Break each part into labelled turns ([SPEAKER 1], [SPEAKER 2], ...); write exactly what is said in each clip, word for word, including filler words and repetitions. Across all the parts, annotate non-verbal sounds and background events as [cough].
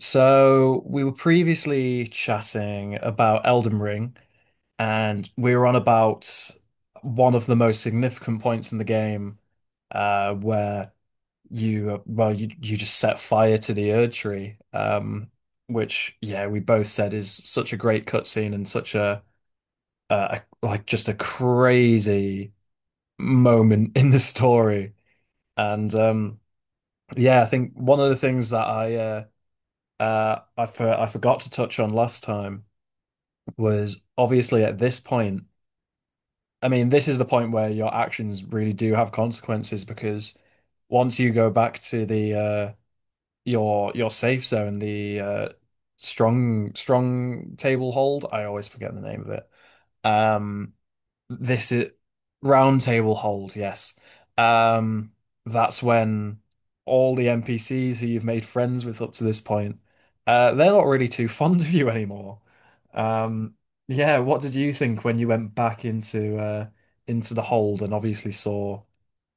[SPEAKER 1] So we were previously chatting about Elden Ring, and we were on about one of the most significant points in the game, uh, where you uh, well you you just set fire to the Erd tree, um, which yeah we both said is such a great cutscene and such a, uh, a like just a crazy moment [laughs] in the story, and um, yeah, I think one of the things that I uh, uh, I for, I forgot to touch on last time was obviously at this point. I mean, this is the point where your actions really do have consequences because once you go back to the uh your your safe zone, the uh strong strong table hold, I always forget the name of it. Um this is Round Table Hold, yes. Um, that's when all the N P Cs who you've made friends with up to this point, uh, they're not really too [laughs] fond of you anymore. Um, yeah, what did you think when you went back into uh into the hold and obviously saw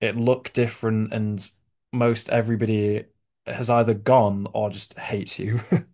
[SPEAKER 1] it look different and most everybody has either gone or just hates you? [laughs]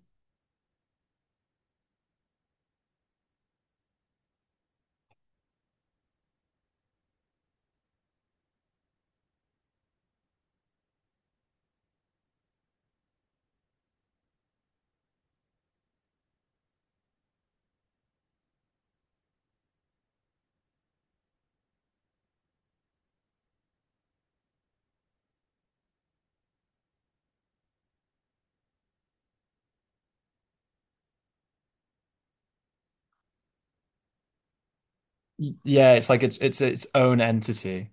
[SPEAKER 1] Yeah, it's like it's it's its own entity.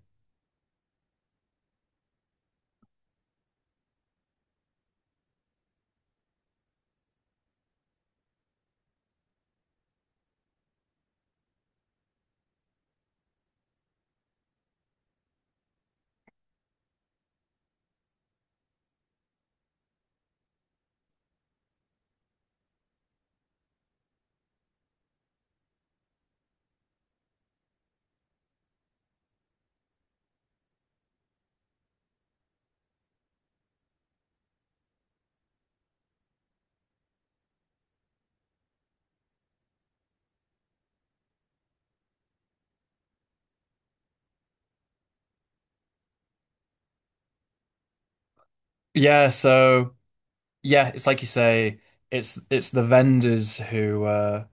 [SPEAKER 1] Yeah, so, yeah, it's like you say, it's it's the vendors who uh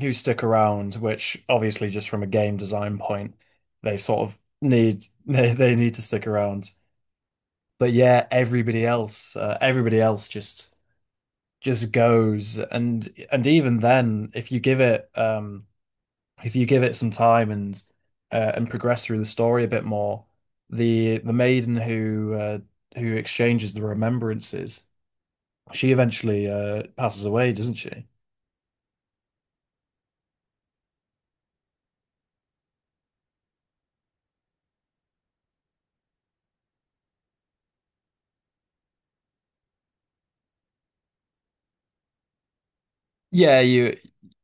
[SPEAKER 1] who stick around, which obviously just from a game design point, they sort of need [laughs] they, they need to stick around. But yeah, everybody else, uh, everybody else just just goes, and and even then, if you give it um if you give it some time and uh, and progress through the story a bit more, the the maiden who uh, who exchanges the remembrances, she eventually uh passes away, doesn't she? Yeah, you,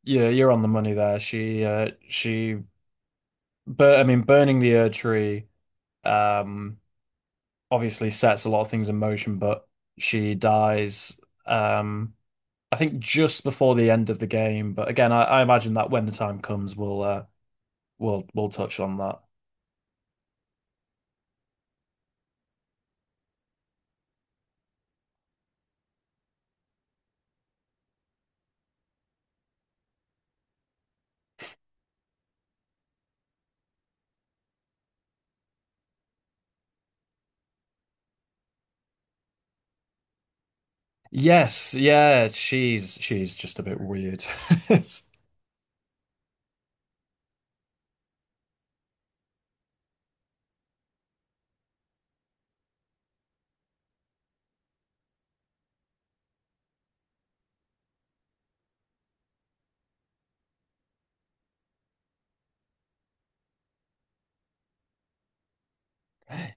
[SPEAKER 1] yeah, you're on the money there. She, uh, she, but I mean, burning the Ur tree, um, obviously sets a lot of things in motion. But she dies, um, I think just before the end of the game. But again, I, I imagine that when the time comes, we'll, uh, we'll, we'll touch on that. Yes, yeah, she's she's just a bit weird. [laughs]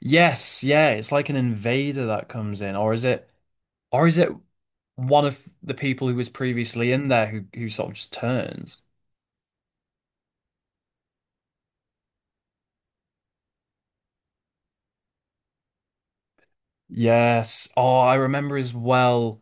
[SPEAKER 1] Yes, yeah, it's like an invader that comes in, or is it, or is it? One of the people who was previously in there who who sort of just turns. Yes. Oh, I remember as well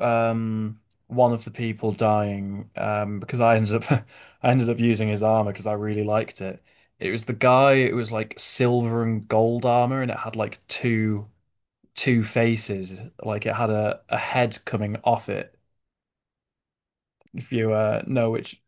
[SPEAKER 1] um one of the people dying um because I ended up [laughs] I ended up using his armor because I really liked it. It was the guy, it was like silver and gold armor, and it had like two two faces, like it had a a head coming off it if you uh know which.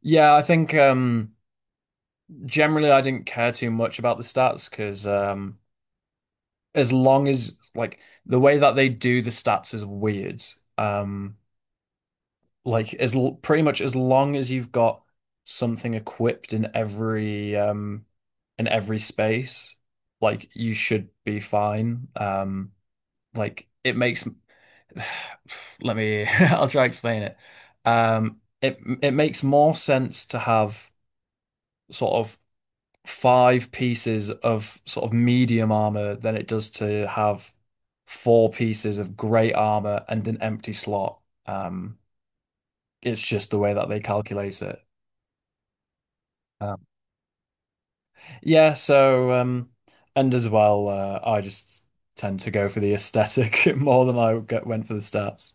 [SPEAKER 1] Yeah, I think um generally I didn't care too much about the stats because, as long as like, the way that they do the stats is weird. Um, like as l pretty much as long as you've got something equipped in every um in every space, like you should be fine. Um, like it makes [sighs] let me [laughs] I'll try to explain it. Um, it it makes more sense to have sort of five pieces of sort of medium armor than it does to have four pieces of great armor and an empty slot. Um, it's just the way that they calculate it. Um, yeah, so um, and as well, uh, I just tend to go for the aesthetic [laughs] more than I get, went for the stats.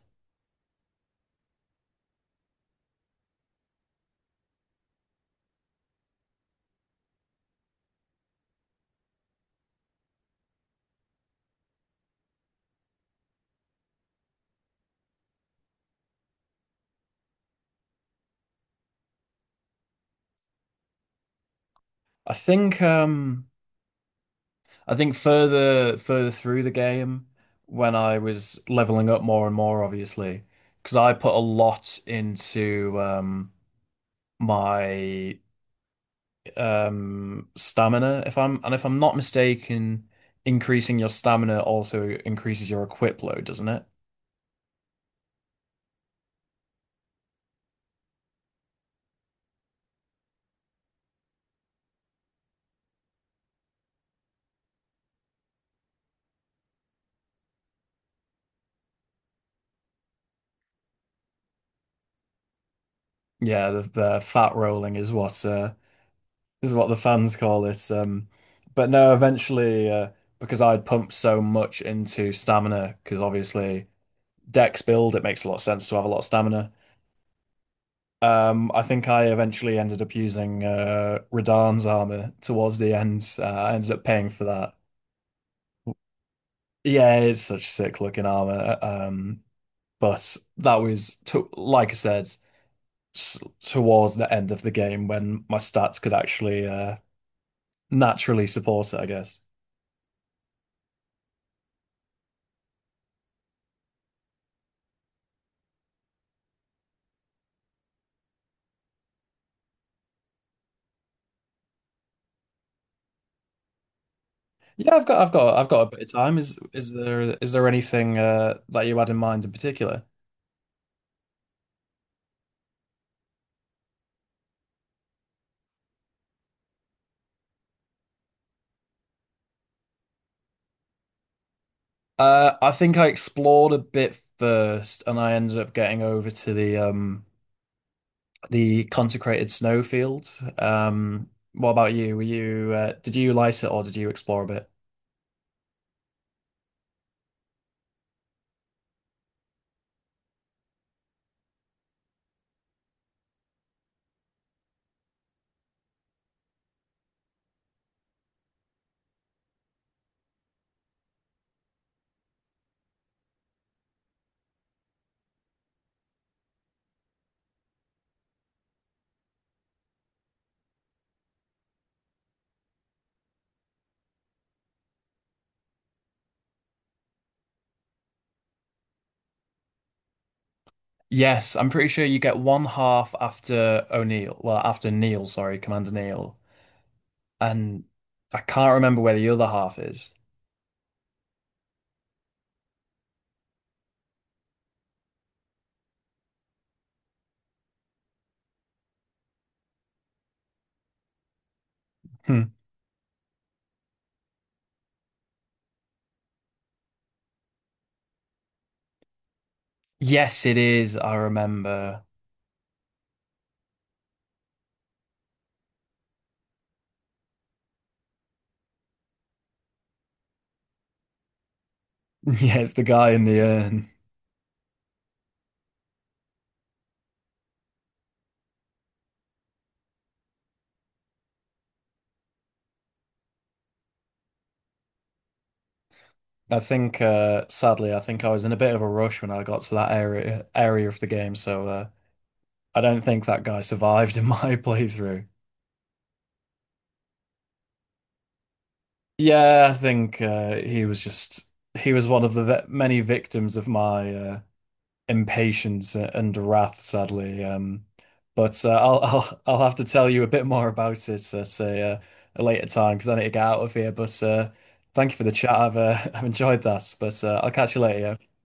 [SPEAKER 1] I think um, I think further further through the game, when I was leveling up more and more, obviously, because I put a lot into um, my um stamina, if I'm, and if I'm not mistaken, increasing your stamina also increases your equip load, doesn't it? Yeah, the, the fat rolling is what uh is what the fans call this um. But no, eventually uh, because I'd pumped so much into stamina, because obviously dex build, it makes a lot of sense to have a lot of stamina. Um, I think I eventually ended up using uh Radahn's armor towards the end, uh, I ended up paying for that. Yeah, it's such sick looking armor. Um, but that was to, like I said, s towards the end of the game when my stats could actually uh naturally support it, I guess. Yeah, I've got, I've got, I've got a bit of time. Is is there is there anything uh that you had in mind in particular? Uh, I think I explored a bit first, and I ended up getting over to the um the consecrated snowfield. Um, what about you? Were you uh, did you light it or did you explore a bit? Yes, I'm pretty sure you get one half after O'Neill. Well, after Neil, sorry, Commander Neil. And I can't remember where the other half is. Hmm. Yes, it is. I remember. [laughs] Yeah, it's the guy in the urn. I think, uh, sadly, I think I was in a bit of a rush when I got to that area area of the game, so uh, I don't think that guy survived in my [laughs] playthrough. Yeah, I think uh, he was just, he was one of the ve many victims of my uh, impatience uh, and wrath, sadly. Um, but uh, I'll [laughs] I'll I'll have to tell you a bit more about it at a, uh, a later time because I need to get out of here. But uh, thank you for the chat. I've uh, [laughs] I've enjoyed that. But uh, I'll catch you later. Yeah?